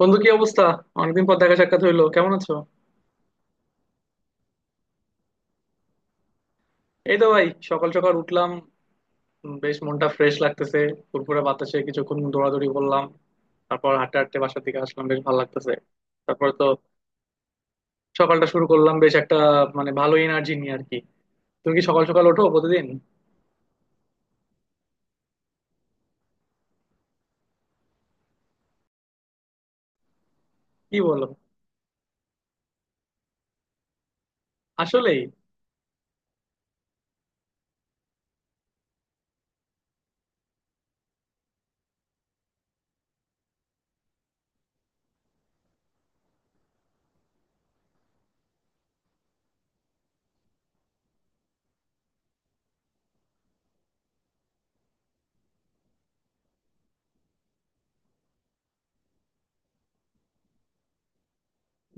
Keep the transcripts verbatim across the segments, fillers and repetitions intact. বন্ধু, কি অবস্থা? অনেকদিন পর দেখা সাক্ষাৎ হইলো, কেমন আছো? এই তো ভাই, সকাল সকাল উঠলাম। উম, বেশ মনটা ফ্রেশ লাগতেছে। ফুরফুরে বাতাসে কিছুক্ষণ দৌড়াদৌড়ি করলাম। তারপর হাঁটতে হাঁটতে বাসার দিকে আসলাম, বেশ ভালো লাগতেছে। তারপর তো সকালটা শুরু করলাম, বেশ একটা মানে ভালো এনার্জি নিয়ে আর কি। তুমি কি সকাল সকাল ওঠো প্রতিদিন? কি বলো, আসলেই।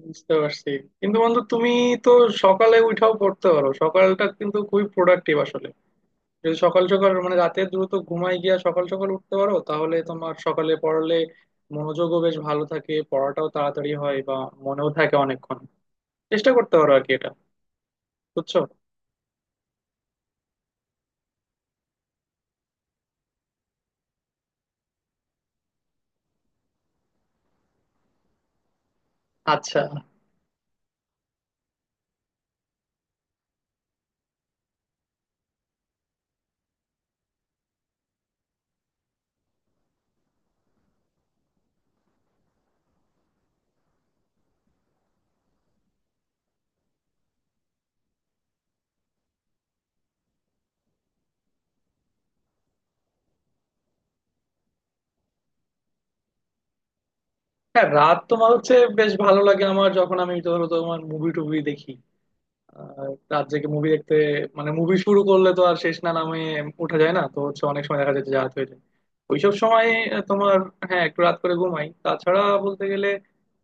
বুঝতে পারছি, কিন্তু বন্ধু তুমি তো সকালে উঠাও পড়তে পারো। সকালটা কিন্তু খুবই প্রোডাক্টিভ আসলে। যদি সকাল সকাল মানে রাতে দ্রুত ঘুমায় গিয়া সকাল সকাল উঠতে পারো তাহলে তোমার সকালে পড়লে মনোযোগও বেশ ভালো থাকে, পড়াটাও তাড়াতাড়ি হয় বা মনেও থাকে অনেকক্ষণ। চেষ্টা করতে পারো আর কি এটা, বুঝছো? আচ্ছা। হ্যাঁ, রাত তোমার হচ্ছে বেশ ভালো লাগে। আমার যখন আমি ধরো তোমার মুভি টুভি দেখি আর রাত জেগে মুভি দেখতে, মানে মুভি শুরু করলে তো আর শেষ না নামে, উঠা যায় না। তো হচ্ছে অনেক সময় দেখা যাচ্ছে যে রাত হয়ে যায় ওইসব সময় তোমার। হ্যাঁ, একটু রাত করে ঘুমাই, তাছাড়া বলতে গেলে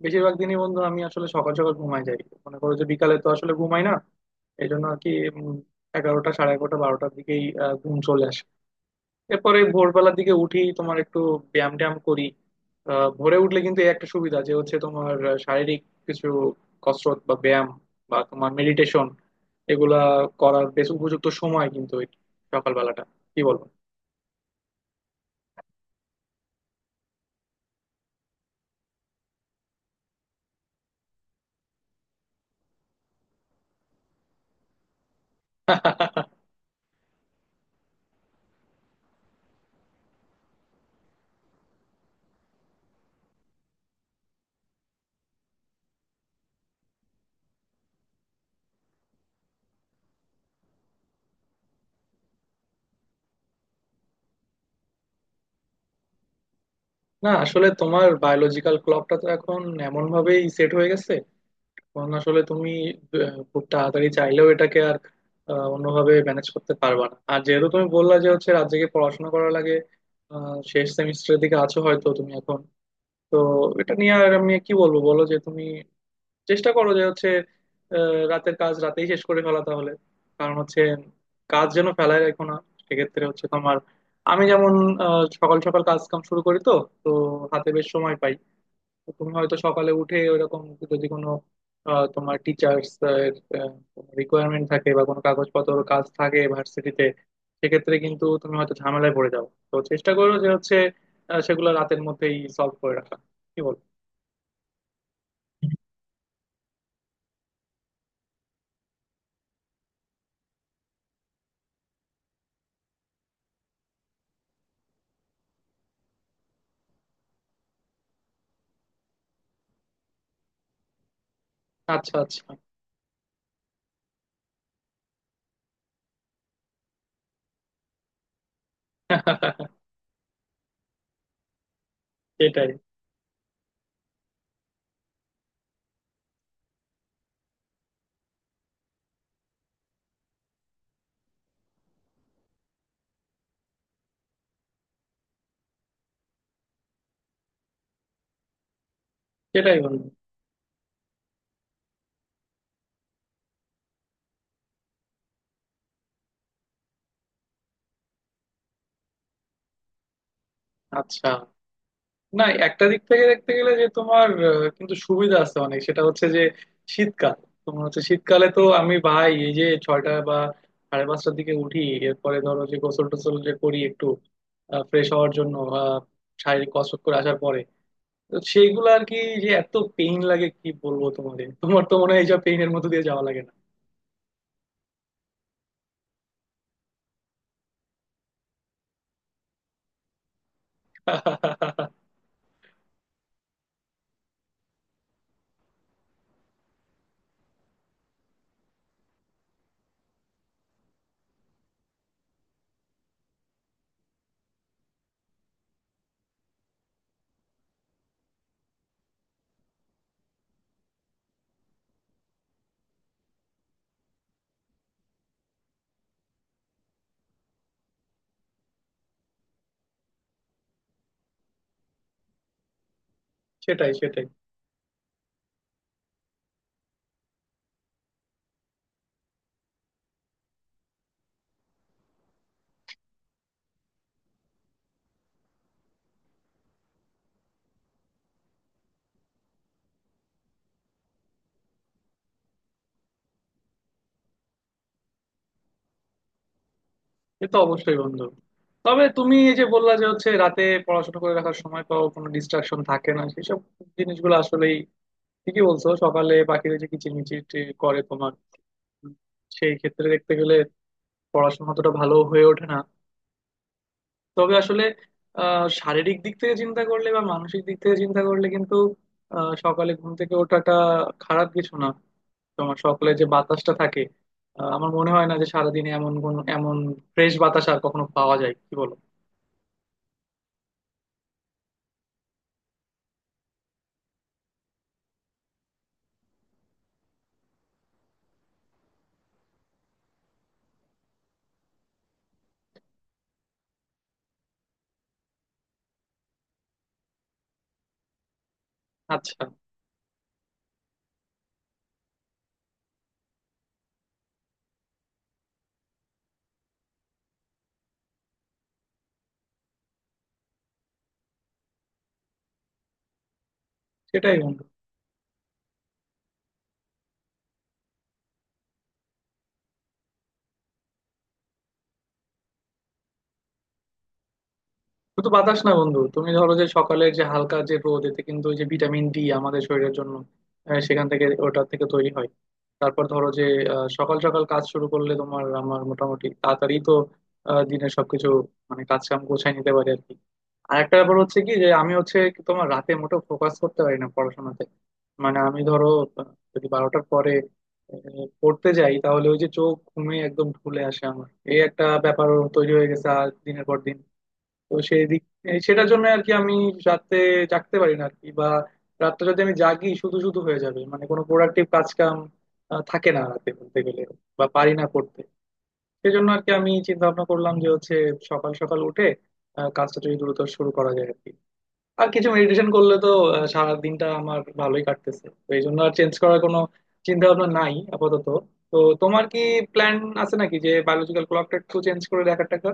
বেশিরভাগ দিনই বন্ধু আমি আসলে সকাল সকাল ঘুমাই যাই। মনে করো যে বিকালে তো আসলে ঘুমাই না এই জন্য আর কি। উম, এগারোটা সাড়ে এগারোটা বারোটার দিকেই আহ, ঘুম চলে আসে। এরপরে ভোরবেলার দিকে উঠি তোমার একটু ব্যায়াম ট্যায়াম করি। আহ, ভোরে উঠলে কিন্তু এই একটা সুবিধা যে হচ্ছে তোমার আহ, শারীরিক কিছু কসরত বা ব্যায়াম বা তোমার মেডিটেশন এগুলা করার বেশ উপযুক্ত সময় কিন্তু এই সকালবেলাটা। কি বলবো। না আসলে তোমার বায়োলজিক্যাল ক্লকটা তো এখন এমন ভাবেই সেট হয়ে গেছে। কারণ আসলে তুমি আহ, খুব তাড়াতাড়ি চাইলেও এটাকে আর আহ, অন্যভাবে ম্যানেজ করতে পারবা না। আর যেহেতু তুমি বললা যে হচ্ছে রাত জেগে পড়াশোনা করা লাগে, আহ, শেষ সেমিস্টারের দিকে আছো হয়তো তুমি এখন। তো এটা নিয়ে আর আমি কি বলবো বলো, যে তুমি চেষ্টা করো যে হচ্ছে আহ, রাতের কাজ রাতেই শেষ করে ফেলা তাহলে। কারণ হচ্ছে কাজ যেন ফেলায় রেখো না। সেক্ষেত্রে হচ্ছে তোমার, আমি যেমন আহ, সকাল সকাল কাজ কাম শুরু করি তো তো হাতে বেশ সময় পাই। তো তুমি হয়তো সকালে উঠে ওইরকম, যদি কোনো আহ, তোমার টিচার্স রিকোয়ারমেন্ট থাকে বা কোনো কাগজপত্র কাজ থাকে ভার্সিটিতে, সেক্ষেত্রে কিন্তু তুমি হয়তো ঝামেলায় পড়ে যাও। তো চেষ্টা করো যে হচ্ছে আহ, সেগুলো রাতের মধ্যেই সলভ করে রাখা। কি বল? আচ্ছা, আচ্ছা। সেটাই, সেটাই বন্ধু। আচ্ছা। না, একটা দিক থেকে দেখতে গেলে যে তোমার আহ, কিন্তু সুবিধা আছে অনেক, সেটা হচ্ছে যে শীতকাল। তোমার হচ্ছে শীতকালে তো আমি ভাই এই যে ছয়টা বা সাড়ে পাঁচটার দিকে উঠি। এরপরে ধরো যে গোসল টোসল যে করি একটু ফ্রেশ হওয়ার জন্য, আহ, শারীরিক কসরত করে আসার পরে। তো সেইগুলো আর কি, যে এত পেইন লাগে, কি বলবো তোমাদের। তোমার তো মনে হয় এইসব পেইনের মধ্যে দিয়ে যাওয়া লাগে না। সেটাই, সেটাই। সে তো অবশ্যই বন্ধু। তবে তুমি এই যে বললা যে হচ্ছে রাতে পড়াশোনা করে রাখার সময় পাও, কোনো ডিস্ট্রাকশন থাকে না সেসব জিনিসগুলো, আসলেই ঠিকই বলছো। সকালে পাখিরা যে কিচিরমিচির করে তোমার, উম, সেই ক্ষেত্রে দেখতে গেলে পড়াশোনা অতটা ভালো হয়ে ওঠে না। তবে আসলে আহ শারীরিক দিক থেকে চিন্তা করলে বা মানসিক দিক থেকে চিন্তা করলে কিন্তু আহ সকালে ঘুম থেকে ওঠাটা খারাপ কিছু না। তোমার সকালে যে বাতাসটা থাকে, আহ, আমার মনে হয় না যে সারাদিনে এমন কোন এমন ফ্রেশ বাতাস আর কখনো পাওয়া যায়। কি বলো? আচ্ছা। সেটাই বন্ধু। শুধু বাতাস না বন্ধু, তুমি ধরো যে সকালের যে হালকা যে রোদ, এতে কিন্তু ওই যে ভিটামিন ডি আমাদের শরীরের জন্য আহ, সেখান থেকে ওটা থেকে তৈরি হয়। তারপর ধরো যে আহ, সকাল সকাল কাজ শুরু করলে তোমার আমার মোটামুটি তাড়াতাড়ি তো আহ, দিনের সবকিছু মানে কাজ কাম গোছায় নিতে পারি আর কি। আর একটা ব্যাপার হচ্ছে কি, যে আমি হচ্ছে কি তোমার রাতে মোটেও ফোকাস করতে পারি না পড়াশোনাতে। মানে আমি ধরো আহ, যদি বারোটার পরে আহ, পড়তে যাই তাহলে ওই যে চোখ ঘুমে একদম ঢুলে আসে। আমার এই একটা ব্যাপার তৈরি হয়ে গেছে আর দিনের পর দিন। তো সেই দিক এই সেটার জন্য আর কি আমি রাতে জাগতে পারি না আর কি, বা রাতটা যদি আমি জাগি শুধু শুধু হয়ে যাবে, মানে কোনো প্রোডাক্টিভ কাজ কাম আহ, থাকে না রাতে বলতে গেলে, বা পারি না করতে। সেজন্য আর কি আমি চিন্তা ভাবনা করলাম যে হচ্ছে সকাল সকাল উঠে আহ, কাজটা যদি দ্রুত শুরু করা যায় আর কি। আর কিছু মেডিটেশন করলে তো আহ, সারা দিনটা আমার ভালোই কাটতেছে, তো এই জন্য আর চেঞ্জ করার কোনো চিন্তা ভাবনা নাই আপাতত। তো তোমার কি প্ল্যান আছে নাকি যে বায়োলজিক্যাল ক্লকটা একটু চেঞ্জ করে দেখার টাকা?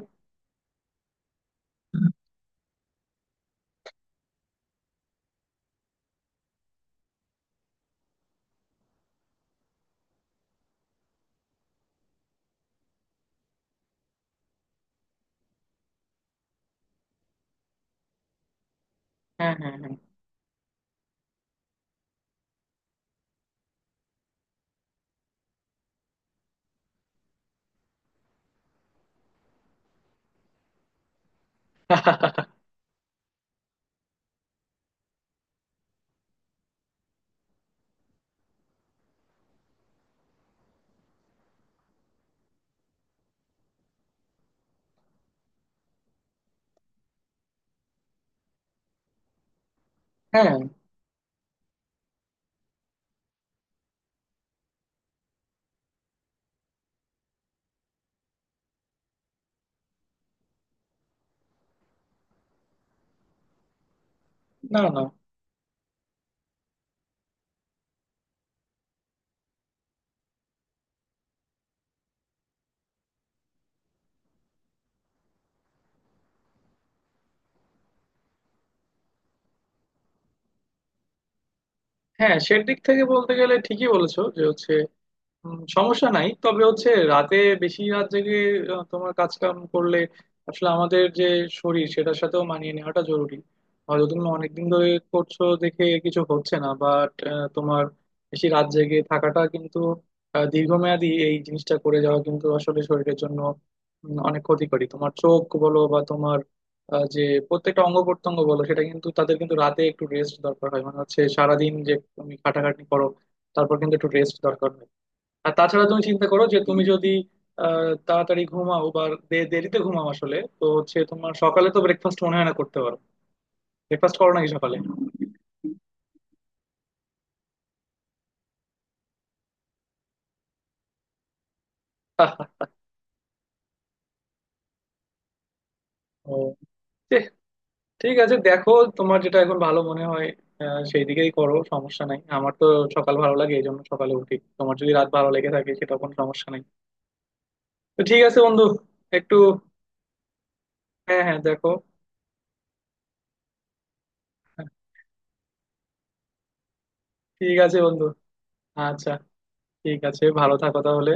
হ্যাঁ, হ্যাঁ, হ্যাঁ। হ্যাঁ। না, না। হ্যাঁ, সেদিক থেকে বলতে গেলে ঠিকই বলেছো যে হচ্ছে উম, সমস্যা নাই। তবে হচ্ছে রাতে বেশি রাত জেগে আহ, তোমার কাজ কাম করলে আসলে আমাদের যে শরীর সেটার সাথেও মানিয়ে নেওয়াটা জরুরি। হয়তো তুমি অনেকদিন ধরে করছো দেখে কিছু হচ্ছে না, বাট তোমার বেশি রাত জেগে থাকাটা কিন্তু আহ, দীর্ঘমেয়াদী এই জিনিসটা করে যাওয়া কিন্তু আসলে শরীরের জন্য উম, অনেক ক্ষতিকরী। তোমার চোখ বলো বা তোমার আহ, যে প্রত্যেকটা অঙ্গ প্রত্যঙ্গ বলো সেটা কিন্তু তাদের কিন্তু রাতে একটু রেস্ট দরকার হয়। মানে হচ্ছে সারাদিন যে তুমি খাটাখাটনি করো তারপর কিন্তু একটু রেস্ট দরকার হয়। আর তাছাড়া তুমি চিন্তা করো যে তুমি যদি আহ, তাড়াতাড়ি ঘুমাও বা দে- দেরিতে ঘুমাও আসলে তো হচ্ছে তোমার সকালে তো ব্রেকফাস্ট মনে হয় না করতে পারো। ব্রেকফাস্ট করো নাকি সকালে? ও, ছি, ঠিক আছে দেখো। তোমার যেটা এখন ভালো মনে হয় আহ, সেই দিকেই করো, সমস্যা নাই। আমার তো সকাল ভালো লাগে এই জন্য সকালে উঠি, তোমার যদি রাত ভালো লেগে থাকে সেটা কোনো সমস্যা নাই। তো ঠিক আছে বন্ধু। একটু। হ্যাঁ, হ্যাঁ, দেখো। হ্যাঁ, ঠিক আছে বন্ধু। আচ্ছা। ঠিক আছে, ভালো থাকো তাহলে।